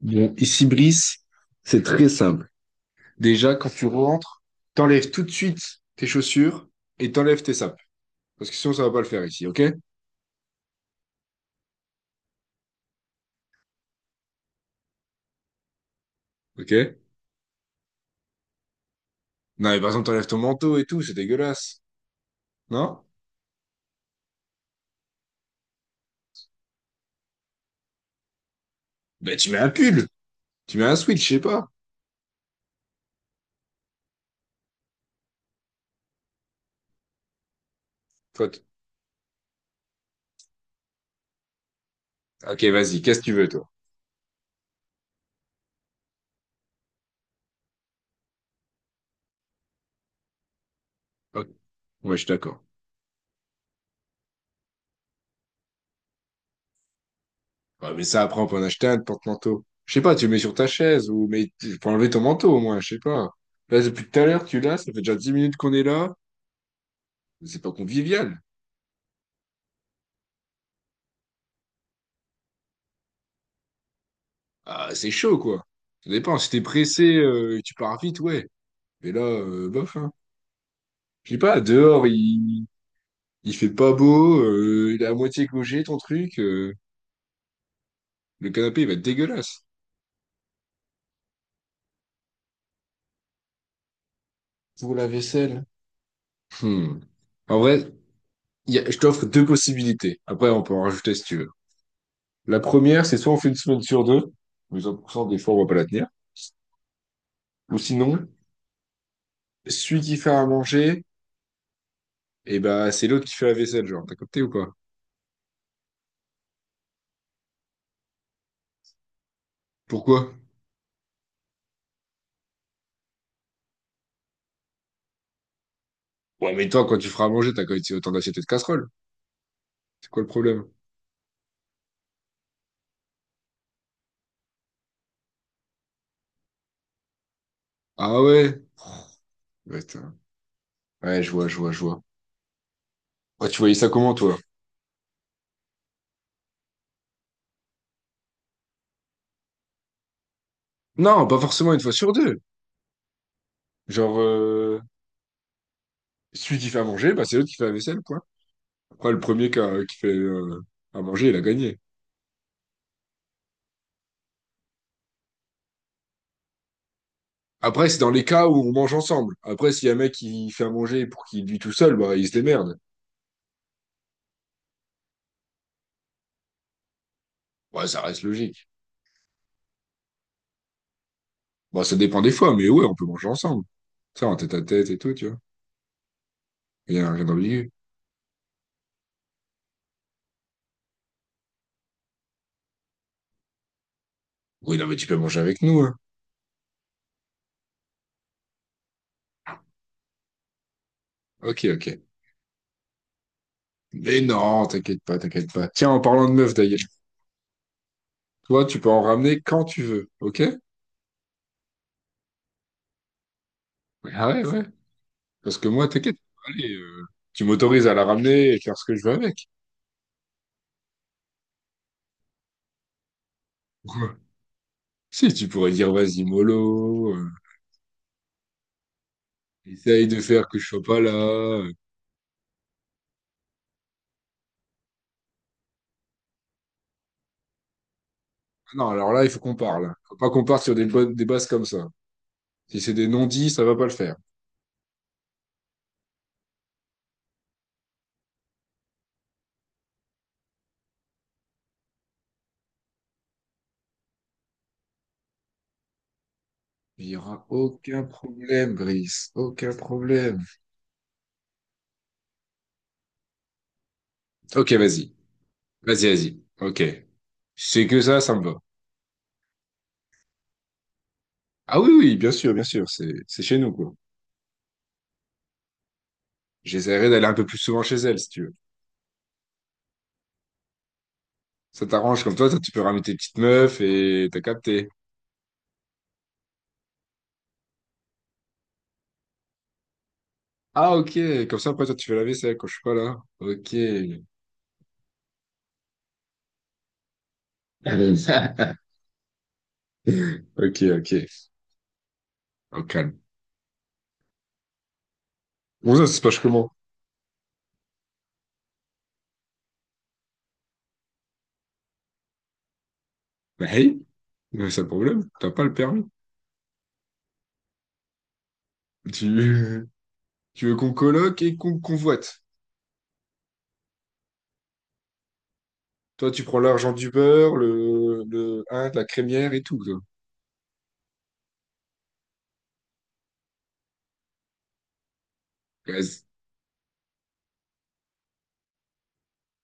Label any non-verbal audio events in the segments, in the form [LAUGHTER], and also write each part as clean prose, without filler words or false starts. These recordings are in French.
Bon, ici, Brice, c'est très simple. Déjà, quand tu rentres, t'enlèves tout de suite tes chaussures et t'enlèves tes sapes. Parce que sinon, ça va pas le faire ici, ok? Ok? Non, mais par exemple, t'enlèves ton manteau et tout, c'est dégueulasse. Non? Ben, tu mets un pull. Tu mets un switch, je sais pas. Toi, t- ok, vas-y, qu'est-ce que tu veux, toi? Ok. Ouais, je suis d'accord. Ouais, mais ça, après, on peut en acheter un de porte-manteau. Je sais pas, tu le mets sur ta chaise ou mais tu peux enlever ton manteau au moins, je sais pas. Là, depuis tout à l'heure, tu l'as, ça fait déjà 10 minutes qu'on est là. C'est pas convivial. Ah, c'est chaud, quoi. Ça dépend. Si t'es pressé, tu pars vite, ouais. Mais là, bof, hein. Je sais pas, dehors, il fait pas beau, il est à moitié cogé, ton truc. Le canapé, il va être dégueulasse. Pour la vaisselle. Hmm. En vrai, je t'offre deux possibilités. Après, on peut en rajouter si tu veux. La première, c'est soit on fait une semaine sur deux, mais 100% des fois, on va pas la tenir. Ou sinon, celui qui fait à manger, et ben, c'est l'autre qui fait la vaisselle, genre. T'as capté ou pas? Pourquoi? Ouais, mais toi, quand tu feras à manger, t'as quand même autant d'assiettes et de casseroles. C'est quoi le problème? Ah ouais? Ouais, ouais, je vois, je vois, je vois. Ouais, tu voyais ça comment, toi? Non, pas forcément une fois sur deux. Genre, celui qui fait à manger, bah, c'est l'autre qui fait la vaisselle, quoi. Après, le premier qui fait à manger, il a gagné. Après, c'est dans les cas où on mange ensemble. Après, s'il y a un mec qui fait à manger pour qu'il lui tout seul, bah, il se démerde. Ouais, ça reste logique. Bon, ça dépend des fois, mais ouais, on peut manger ensemble. Ça, en tête à tête et tout, tu vois. Rien, rien d'ambigu. Oui, non, mais tu peux manger avec nous, hein. Ok, ok. Mais non, t'inquiète pas, t'inquiète pas. Tiens, en parlant de meuf d'ailleurs, toi, tu peux en ramener quand tu veux, ok? Ouais, ah ouais, ouais. Parce que moi, t'inquiète, allez, tu m'autorises à la ramener et faire ce que je veux avec. [LAUGHS] Si, tu pourrais dire, vas-y, mollo, essaye de faire que je sois pas là. Non, alors là, il faut qu'on parle. Faut pas qu'on parte sur des bases comme ça. Si c'est des non-dits, ça va pas le faire. Il y aura aucun problème, Brice. Aucun problème. Ok, vas-y. Vas-y, vas-y. Ok. Si c'est que ça me va. Ah oui, oui, bien sûr, c'est chez nous, quoi. J'essaierai d'aller un peu plus souvent chez elle, si tu veux. Ça t'arrange, comme toi, toi, tu peux ramener tes petites meufs et t'as capté. Ah, ok, comme ça, après, toi, tu fais la vaisselle quand je suis pas là. Ok. [LAUGHS] Ok, ok. Au calme. Bon, ça se passe comment? Bah, hey, mais c'est le problème, t'as pas le permis. Tu, [LAUGHS] tu veux qu'on coloque et qu'on convoite. Toi, tu prends l'argent du beurre, le, hein, de la crémière et tout, toi. Vas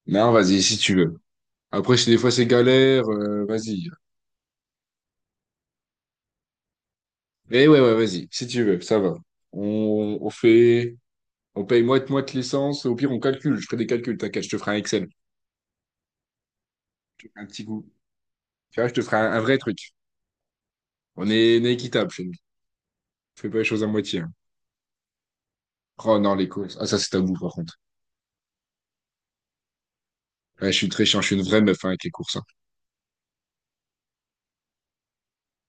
Non, vas-y, si tu veux. Après, si des fois c'est galère, vas-y. Mais ouais, ouais, vas-y, si tu veux, ça va. On fait, on paye moite-moite licence. Au pire, on calcule. Je ferai des calculs, t'inquiète, je te ferai un Excel. Je te ferai un petit coup. Tu vois, je te ferai un vrai truc. On est équitable chez nous. Je fais pas les choses à moitié, hein. Oh non, les courses. Ah, ça, c'est tabou, par contre. Ouais, je suis très chiant, je suis une vraie meuf hein, avec les courses, hein.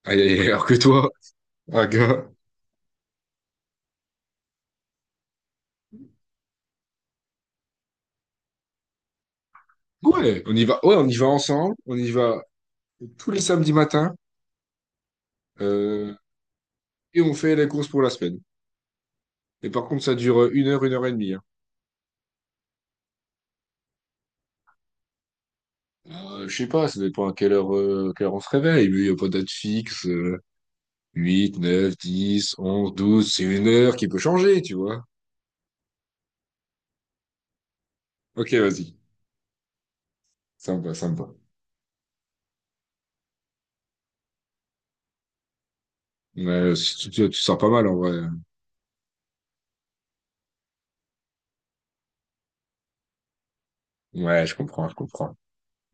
Aïe, aïe, aïe, alors que toi, un gars. Ouais, on y va. Ouais, on y va ensemble. On y va tous les samedis matins. euh, et on fait les courses pour la semaine. Et par contre, ça dure 1 heure, 1 heure et demie, hein. Je sais pas, ça dépend à quelle heure on se réveille. Lui, il n'y a pas de date fixe. 8, 9, 10, 11, 12, c'est une heure qui peut changer, tu vois. Ok, vas-y. Sympa, sympa. Ouais, tu sors pas mal en vrai. Ouais, je comprends, je comprends.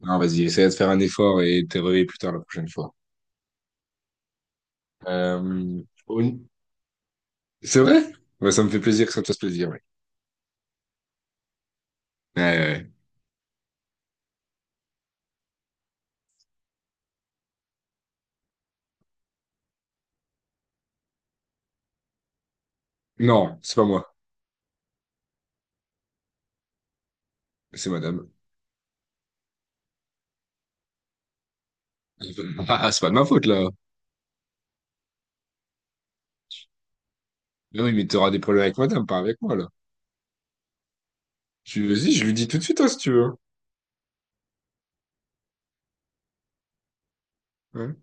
Non, vas-y, essaie de faire un effort et de te réveiller plus tard la prochaine fois. Euh, au- C'est vrai? Ouais, ça me fait plaisir que ça te fasse plaisir, ouais. Ouais, ouais. Ouais. Non, c'est pas moi, c'est madame. [LAUGHS] Ah, c'est pas de ma faute, là. Mais oui, mais t'auras des problèmes avec madame, pas avec moi, là. Vas-y, je lui dis tout de suite, hein, si tu veux, hein.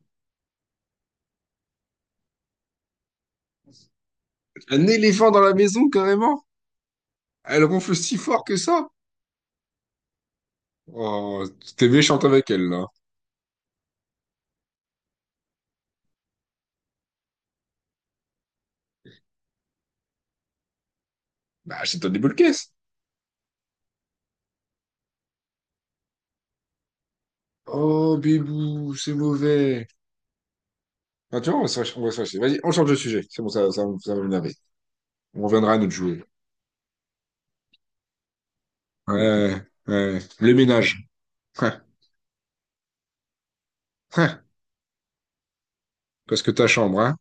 Un éléphant dans la maison, carrément? Elle ronfle si fort que ça? Oh, t'es méchante avec elle, là. Bah, achète-toi des boules caisses. Oh, bébou, c'est mauvais. Ah, tu vois, on va se fâcher. On va se fâcher. Vas-y, on change de sujet. C'est bon, ça, ça va m'énerver. On reviendra à notre jouet. Ouais, ouais. Le ménage. [LAUGHS] Hein, hein. Parce que ta chambre, hein?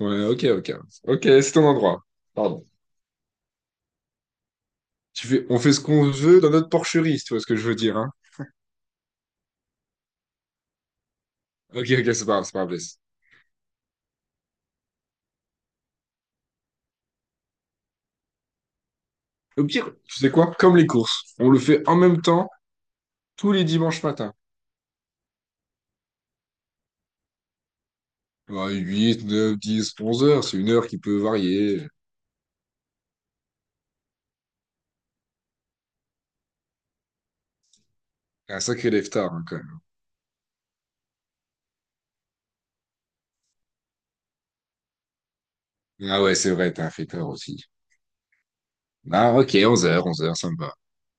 Ouais, ok, ok. Ok, c'est ton endroit. Pardon. On fait ce qu'on veut dans notre porcherie, si tu vois ce que je veux dire, hein? Ok, ok, c'est pas grave, c'est pas grave. Laisse. Au pire, tu sais quoi? Comme les courses. On le fait en même temps. Tous les dimanches matin. Ouais, 8, 9, 10, 11 heures, c'est une heure qui peut varier. Un sacré lève-tard, hein, quand même. Ah ouais, c'est vrai, t'es un fêteur aussi. Ah ok, 11 heures, 11 heures, ça me va.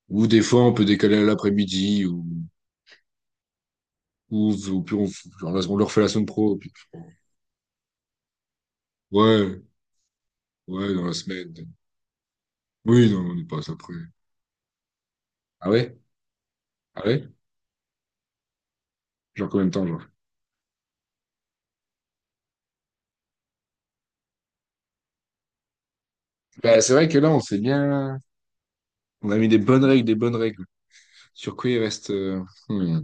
Ou des fois, on peut décaler à l'après-midi, ou, puis on, genre, on le refait la semaine pro. Puis, ouais, ouais, dans la semaine. Oui, non, on y passe après. Ah ouais? Ah ouais? Genre combien de temps, genre? Bah, c'est vrai que là, on s'est bien. On a mis des bonnes règles, des bonnes règles. Sur quoi il reste... euh, hmm,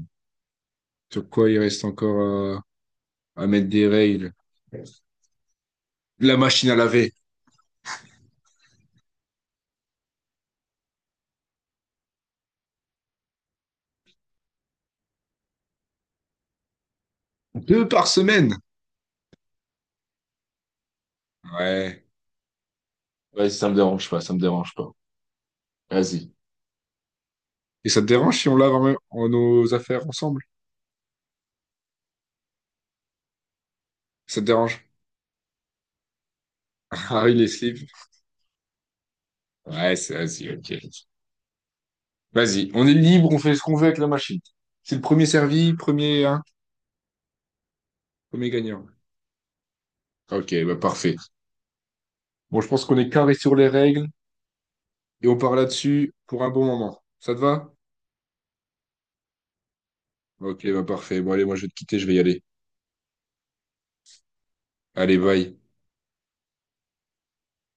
Sur quoi il reste encore à mettre des règles? La machine à laver. Deux par semaine. Ouais. Ouais, ça me dérange pas, ça me dérange pas. Vas-y. Et ça te dérange si on lave en nos affaires ensemble? Ça te dérange? [LAUGHS] Ah oui, les slips. Ouais, c'est vas-y, ok. Vas-y, on est libre, on fait ce qu'on veut avec la machine. C'est le premier servi, premier, hein, premier gagnant. Ok, bah parfait. Bon, je pense qu'on est carré sur les règles et on part là-dessus pour un bon moment. Ça te va? Ok, bah parfait. Bon, allez, moi je vais te quitter, je vais y aller. Allez, bye.